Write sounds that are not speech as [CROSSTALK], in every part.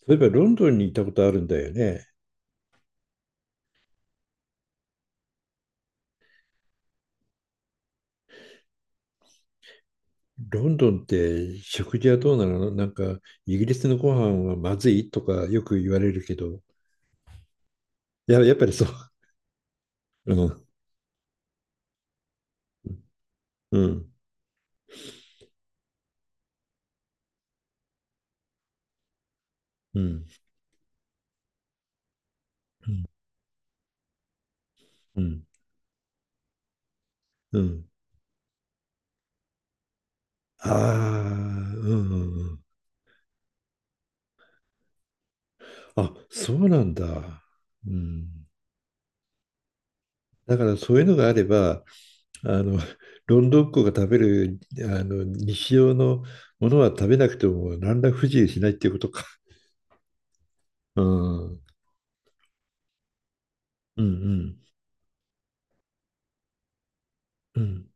そういえばロンドンに行ったことあるんだよね。ロンドンって食事はどうなの、なんかイギリスのご飯はまずいとかよく言われるけど、いや、やっぱりそう。うん。うん。うん。うん。うん。ああー、うんうんうん。あ、そうなんだ。うん。だからそういうのがあれば、あの、ロンドンっ子が食べる、日常のものは食べなくても何ら不自由しないっていうことか。うん。うんうん。うん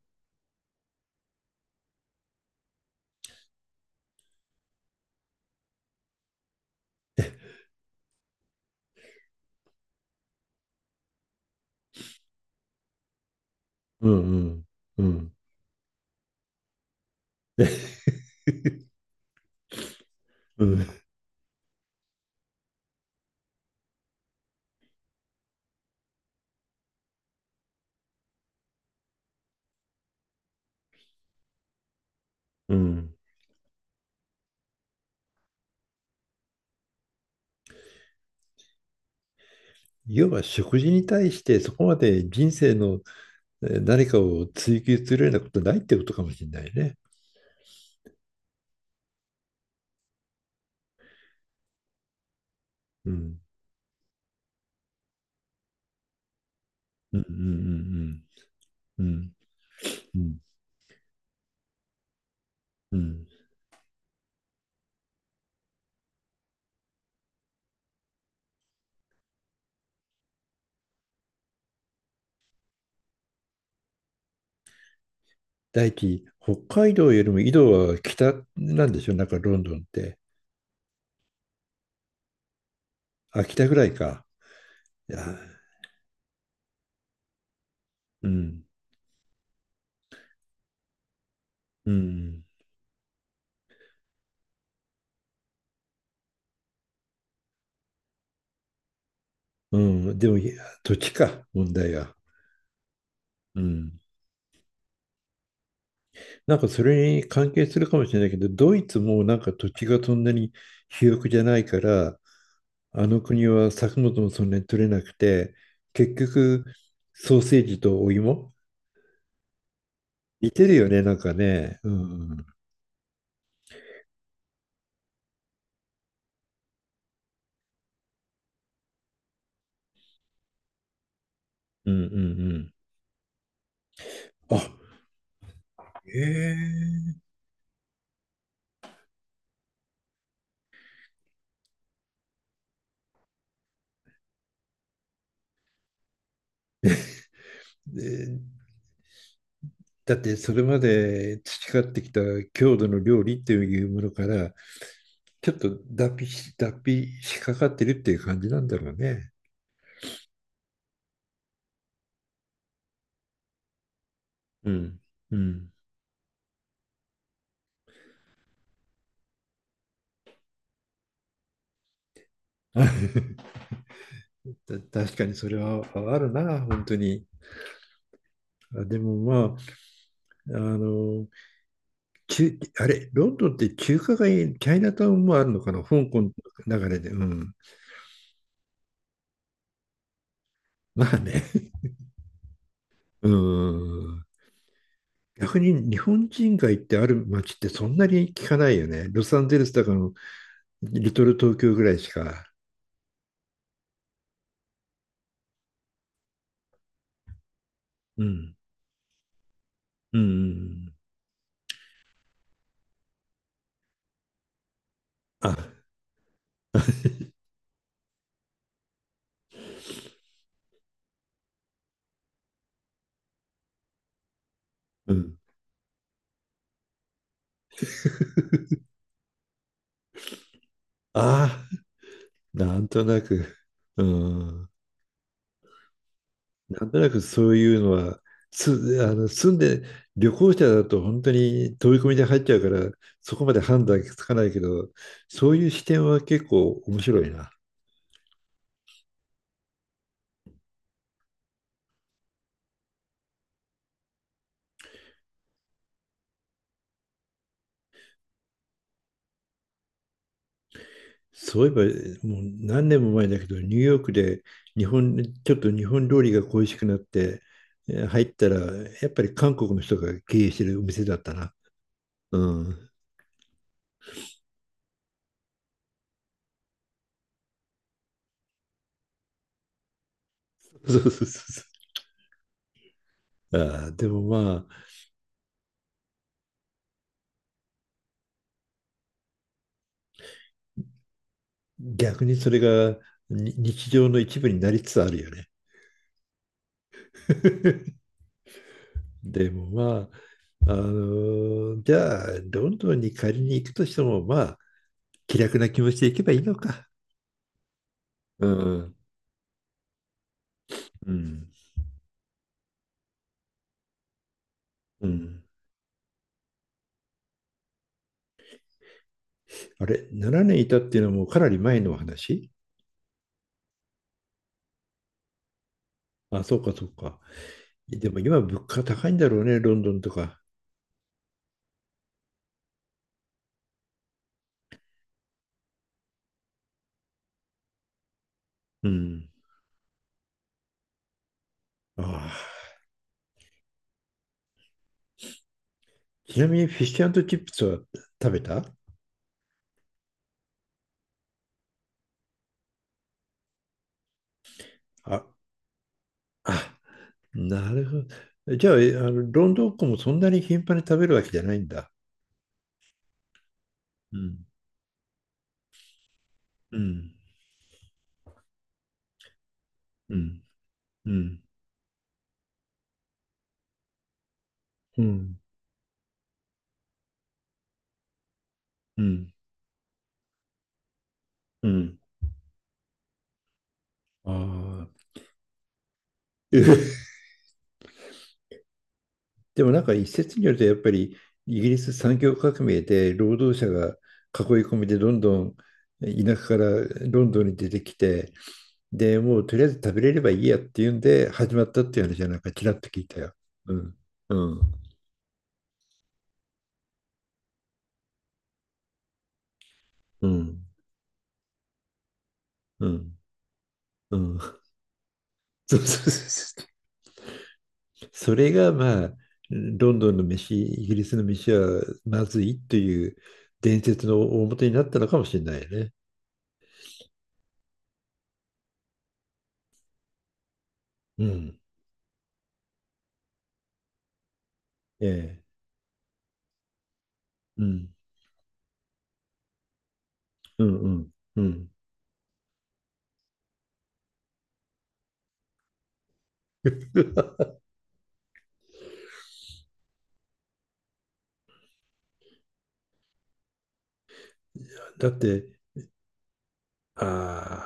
うんうん。うん。うん。いわば食事に対してそこまで人生の何かを追求するようなことないってことかもしれないね。うん。うんうんうんうん。うん。うんうん。第一、北海道よりも緯度は北なんでしょう、なんかロンドンって。あ、北ぐらいか。いや、うん。うん。うん。でも、いや土地か、問題が。うん。なんかそれに関係するかもしれないけど、ドイツもなんか土地がそんなに肥沃じゃないから、あの国は作物もそんなに取れなくて、結局ソーセージとお芋、似てるよね、なんかね。うん、うん、うんうん。あ、ええ、で、だってそれまで培ってきた郷土の料理っていうものからちょっと脱皮しかかってるっていう感じなんだろうね。うん。うん。[LAUGHS] 確かにそれはあるな、本当に。あでもまあ、中あれ、ロンドンって中華街、チャイナタウンもあるのかな、香港の流れで。うん。まあね。うん。逆に日本人街ってある街ってそんなに聞かないよね。ロサンゼルスとかのリトル東京ぐらいしか。うん。うん。あ、うん。ああ、なんとなく。うん。なんとなくそういうのは、つ、住んで、旅行者だと本当に飛び込みで入っちゃうから、そこまで判断つかないけど、そういう視点は結構面白いな。そういえば、もう何年も前だけど、ニューヨークで日本、ちょっと日本料理が恋しくなって、入ったら、やっぱり韓国の人が経営してるお店だったな。うん。そうそうそうそう。ああ、でもまあ、逆にそれが日常の一部になりつつあるよね。[LAUGHS] でもまあ、じゃあ、ロンドンに仮に行くとしても、まあ、気楽な気持ちで行けばいいのか。うんうんうんあれ、7年いたっていうのはもうかなり前の話。あ、そうかそうか。でも今物価高いんだろうね、ロンドンとか。うん。ああ。ちなみにフィッシュチップスは食べた？あ、あ、なるほど。じゃあ、ロンドンっ子もそんなに頻繁に食べるわけじゃないんだ。うん。うん。うん。うん。うん。うん。うん。ああ、[LAUGHS] でもなんか一説によるとやっぱりイギリス産業革命で労働者が囲い込みでどんどん田舎からロンドンに出てきて、でもうとりあえず食べれればいいやっていうんで始まったっていう話はなんかちらっと聞いたよ。うんうんうんうんうん。[LAUGHS] そうそうそうそう。それがまあ、ロンドンの飯、イギリスの飯はまずいという伝説の大元になったのかもしれないね。うんええ、うん、うん、うん、うん。[LAUGHS] だって、あ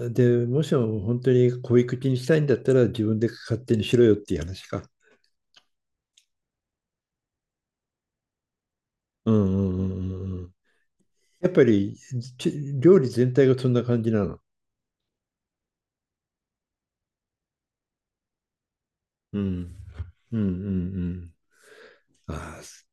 あ、で、もしも本当に小い口にしたいんだったら自分で勝手にしろよっていう話か。うんうんうんうんうん。やっぱりち料理全体がそんな感じなの。うん。うんうんうん。ああ、す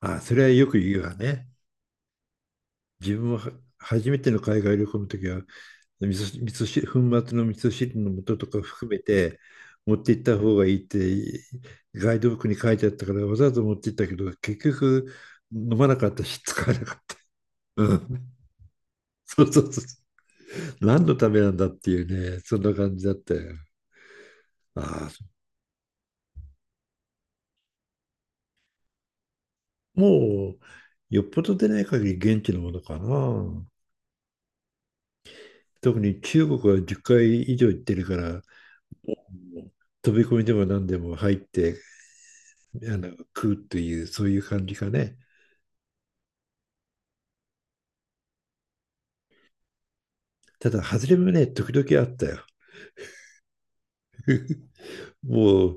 ああ、それはよく言うわね。自分も初めての海外旅行の時は味噌汁、粉末の味噌汁の素とか含めて持って行った方がいいってガイドブックに書いてあったからわざわざ持って行ったけど結局飲まなかったし使わなかった。うん。そうそうそう。何のためなんだっていうね、そんな感じだったよ。ああ、もうよっぽど出ない限り現地のものかな。特に中国は10回以上行ってるから飛び込みでも何でも入ってあの食うというそういう感じかね。ただ、外れもね、時々あったよ。もう、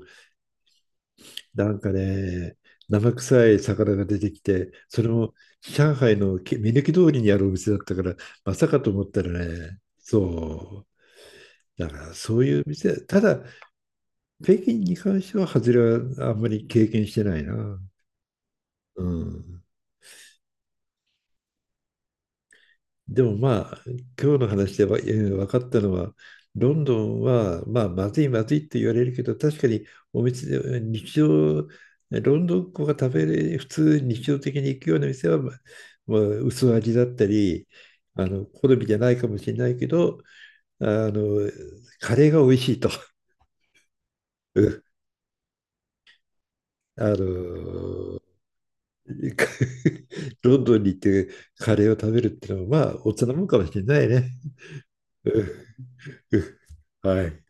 なんかね、生臭い魚が出てきて、それも上海の目抜き通りにあるお店だったから、まさかと思ったらね、そう。だからそういう店、ただ、北京に関しては、外れはあんまり経験してないな。うん。でもまあ、今日の話でわえー分かったのは、ロンドンは、まあ、まずいまずいって言われるけど、確かにお店で、日常、ロンドンっ子が食べれ、普通日常的に行くような店は、まあ、まあ薄味だったり、好みじゃないかもしれないけど、あの、カレーが美味しいと。[LAUGHS] うんあの、か [LAUGHS] ロンドンに行ってカレーを食べるっていうのは、まあ、大人もんかもしれないね。うんうんはい。